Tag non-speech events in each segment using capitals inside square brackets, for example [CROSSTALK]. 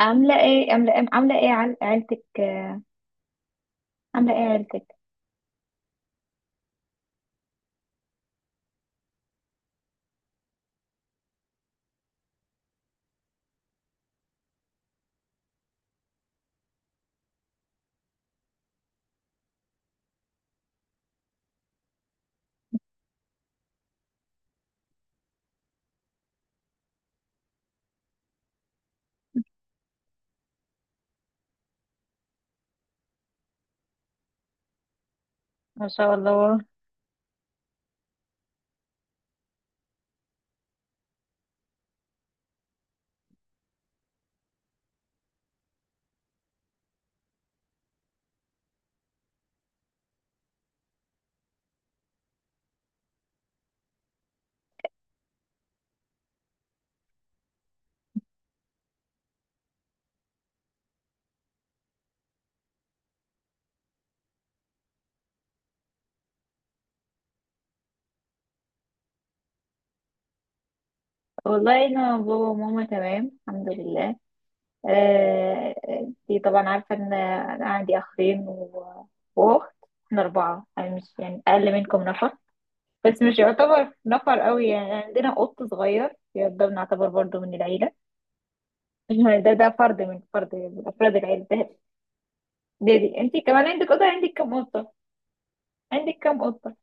عاملة ايه عيلتك؟ عاملة ايه عيلتك ما شاء الله. والله انا بابا وماما تمام الحمد لله. آه، دي طبعا عارفة ان انا عندي اخين واخت. احنا اربعة، يعني مش يعني اقل منكم نفر، بس مش يعتبر نفر قوي. يعني عندنا قط صغير، يعني ده بنعتبر برضو من العيلة. [LAUGHS] ده فرد من فرد من افراد العيلة ده. دي, دي. انتي كمان عندك قطة؟ عندك كم قطة؟ عندك كم قطة؟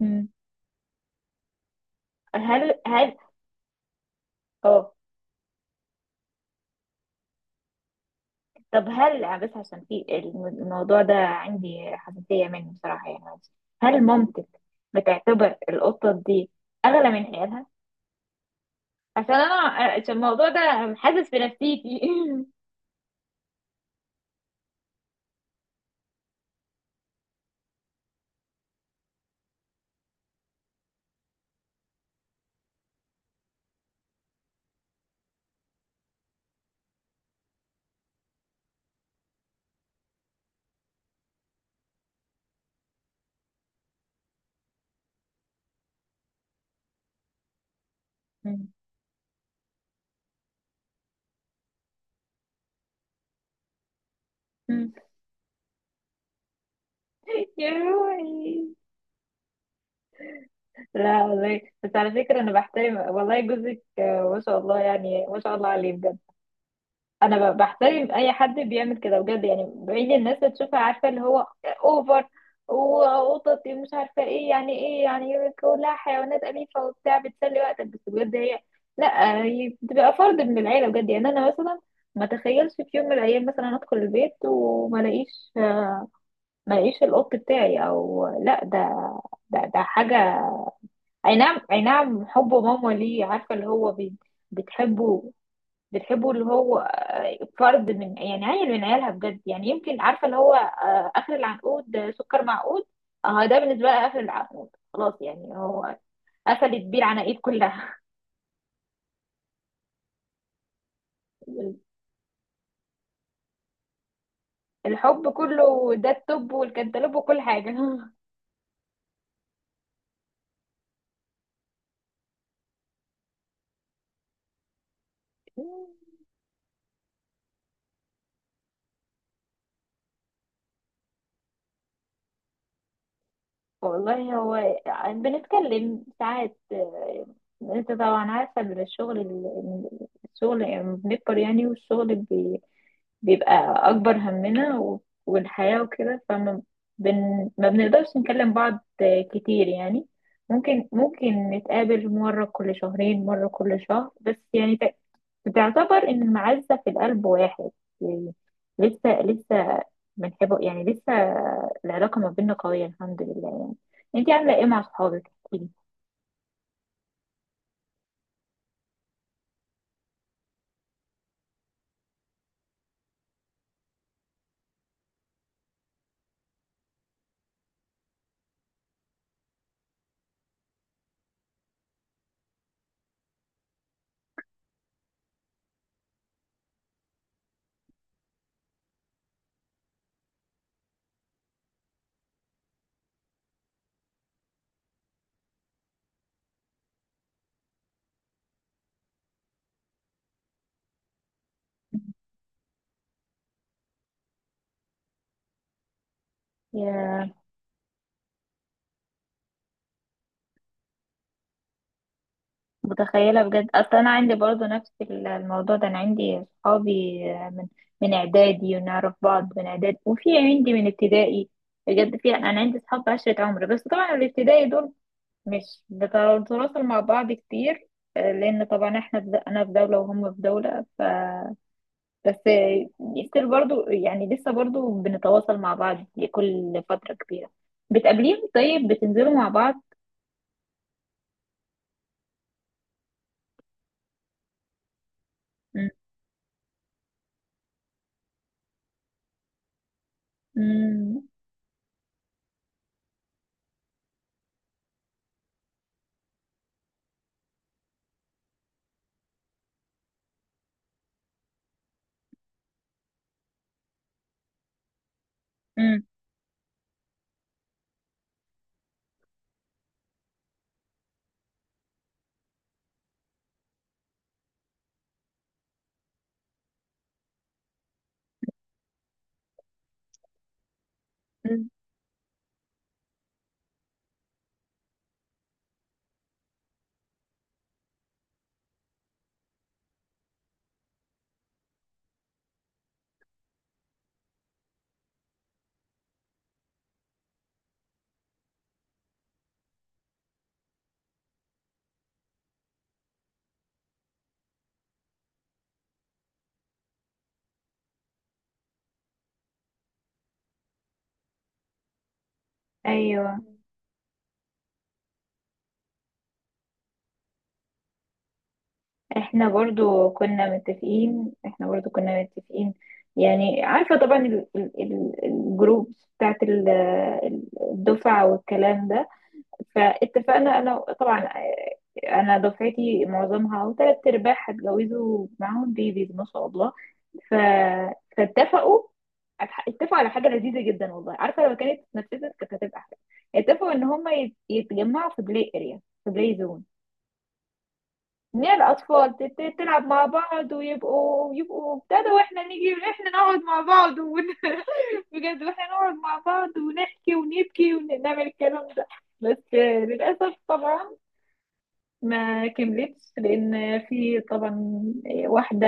مم. هل اه، طب هل، بس عشان في الموضوع ده عندي حساسية منه بصراحة، يعني معلش. هل مامتك بتعتبر القطة دي أغلى من حياتها؟ عشان أنا، عشان الموضوع ده حاسس في نفسيتي. [LAUGHS] يا روحي. لا والله، بس على فكرة أنا بحترم والله جوزك، ما شاء الله، يعني ما شاء الله عليه بجد. انا بحترم اي حد بيعمل كده بجد، يعني بعيد الناس اللي تشوفها، عارفه اللي هو اوفر، وقطط مش عارفه ايه، يعني ايه يعني؟ كلها حيوانات اليفه وبتاع، بتسلي وقتك. بس بجد هي، لا هي بتبقى فرد من العيله بجد. يعني انا مثلا ما تخيلش في يوم من الايام مثلا ادخل البيت وما الاقيش، ما الاقيش القط بتاعي او لا، ده، ده حاجه. اي نعم اي نعم، حب ماما ليه، عارفه اللي هو بتحبه، بتحبه، اللي هو فرد من، يعني عيل من عيالها بجد، يعني يمكن عارفه اللي هو اخر العنقود، سكر معقود. اه ده بالنسبه لها اخر العنقود خلاص، يعني هو قفلت بيه العناقيد كلها. [LAUGHS] الحب كله، ده التوب والكنتالوب وكل حاجه. [LAUGHS] والله هو بنتكلم ساعات، انت طبعا عارفة إن الشغل الشغل، يعني بنكبر يعني، والشغل بي بيبقى أكبر همنا، والحياة وكده، فما ما بنقدرش نكلم بعض كتير يعني. ممكن نتقابل مرة كل شهرين، مرة كل شهر، بس يعني بتعتبر ان المعزة في القلب واحد يعني. لسه بنحبه يعني، لسه العلاقة ما بيننا قوية الحمد لله يعني. انتي عاملة ايه مع صحابك؟ احكيلي. يا متخيلة بجد، اصل انا عندي برضو نفس الموضوع ده. انا عندي صحابي من من اعدادي، ونعرف بعض من اعدادي، وفي عندي من ابتدائي. بجد في، انا عندي صحاب عشرة عمر. بس طبعا الابتدائي دول مش بنتواصل مع بعض كتير، لان طبعا احنا في انا في دولة وهم في دولة. بس ستيل برضو يعني، لسه برضو بنتواصل مع بعض لكل فترة كبيرة. بتقابليهم؟ طيب بتنزلوا مع بعض؟ مم. مم. مم. مم. ايوه، احنا برضو كنا متفقين، احنا برضو كنا متفقين. يعني عارفة طبعا الجروب بتاعت الجروبس بتاعت الدفعة والكلام ده. فاتفقنا انا طبعا، انا دفعتي معظمها او تلات ارباع هتجوزوا، معاهم بيبيز ما شاء الله. ف... فاتفقوا، اتفقوا على حاجه لذيذه جدا والله. عارفه لو كانت اتنفذت كانت هتبقى احلى. اتفقوا ان هم يتجمعوا في بلاي اريا، في بلاي زون، ان هي الاطفال تلعب مع بعض، ويبقوا ابتدوا، واحنا نيجي واحنا نقعد مع بعض [LAUGHS] بجد واحنا نقعد مع بعض ونحكي ونبكي ونعمل الكلام ده. بس للاسف طبعا ما كملتش، لان في طبعا واحده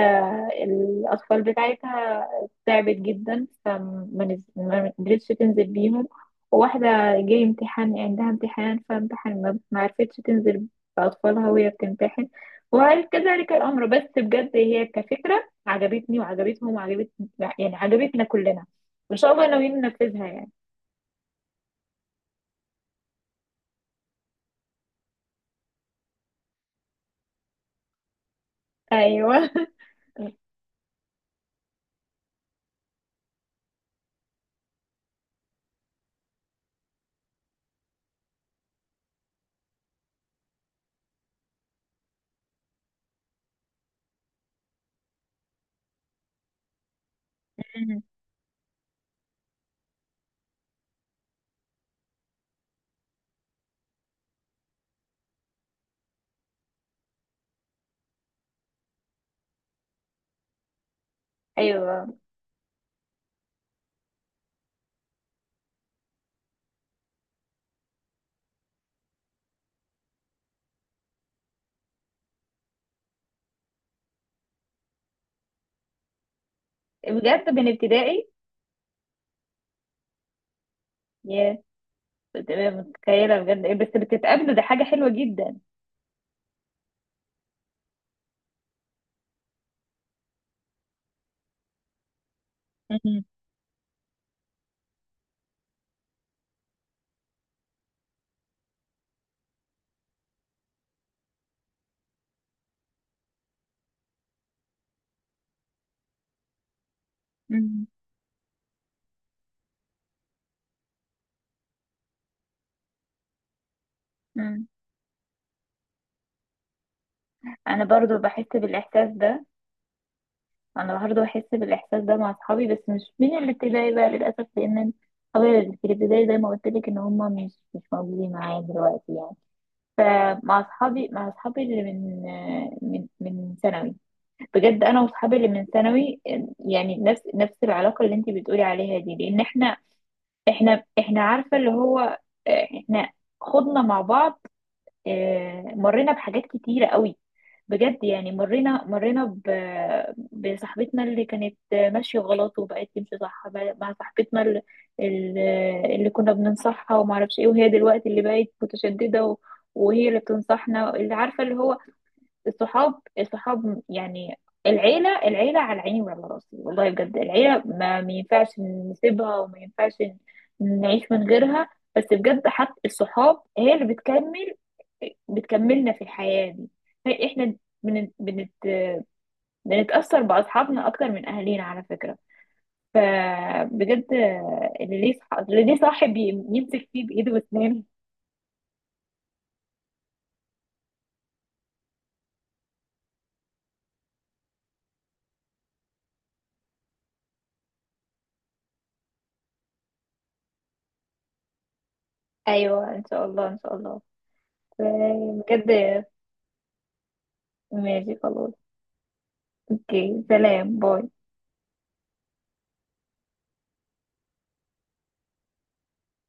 الاطفال بتاعتها تعبت جدا، فما ما قدرتش تنزل بيهم. وواحده جاي امتحان، عندها امتحان، فامتحان ما عرفتش تنزل باطفالها وهي بتمتحن. وكذلك الامر. بس بجد هي كفكره عجبتني وعجبتهم وعجبت، يعني عجبتنا كلنا، وان شاء الله ناويين ننفذها يعني. ايوه. [LAUGHS] مم. ايوه، بجد من ابتدائي؟ بتبقى متخيله بجد إيه، بس بتتقابلوا، ده حاجه حلوه جدا. مم. مم. مم. انا برضو بحس بالاحساس ده، انا برضو بحس بالاحساس ده مع اصحابي، بس مش من الابتدائي بقى للاسف، لان اصحابي اللي في الابتدائي زي ما قلت لك، ان هم مش موجودين معايا دلوقتي يعني. مع اصحابي، مع اصحابي اللي من ثانوي، بجد انا واصحابي اللي من ثانوي، يعني نفس العلاقه اللي انت بتقولي عليها دي. لان احنا، احنا عارفه اللي هو، احنا خضنا مع بعض، مرينا بحاجات كتيرة قوي بجد يعني. مرينا بصاحبتنا اللي كانت ماشية غلط وبقت تمشي صح، بقى مع صاحبتنا ال- اللي كنا بننصحها وما اعرفش ايه، وهي دلوقتي اللي بقت متشددة، وهي اللي بتنصحنا، اللي عارفة اللي هو. الصحاب يعني، العيلة على عيني وعلى راسي والله بجد. العيلة ما ينفعش نسيبها، وما ينفعش نعيش من غيرها. بس بجد حتى الصحاب هي اللي بتكمل، بتكملنا في الحياة دي. طيب، احنا بنت... بنت... بنتأثر بأصحابنا أكتر من أهالينا على فكرة. فبجد، اللي ليه صاحب يمسك فيه بإيده واسنانه. أيوة إن شاء الله، إن شاء الله. ف- بجد، ماشي، خلاص، أوكي، سلام، باي.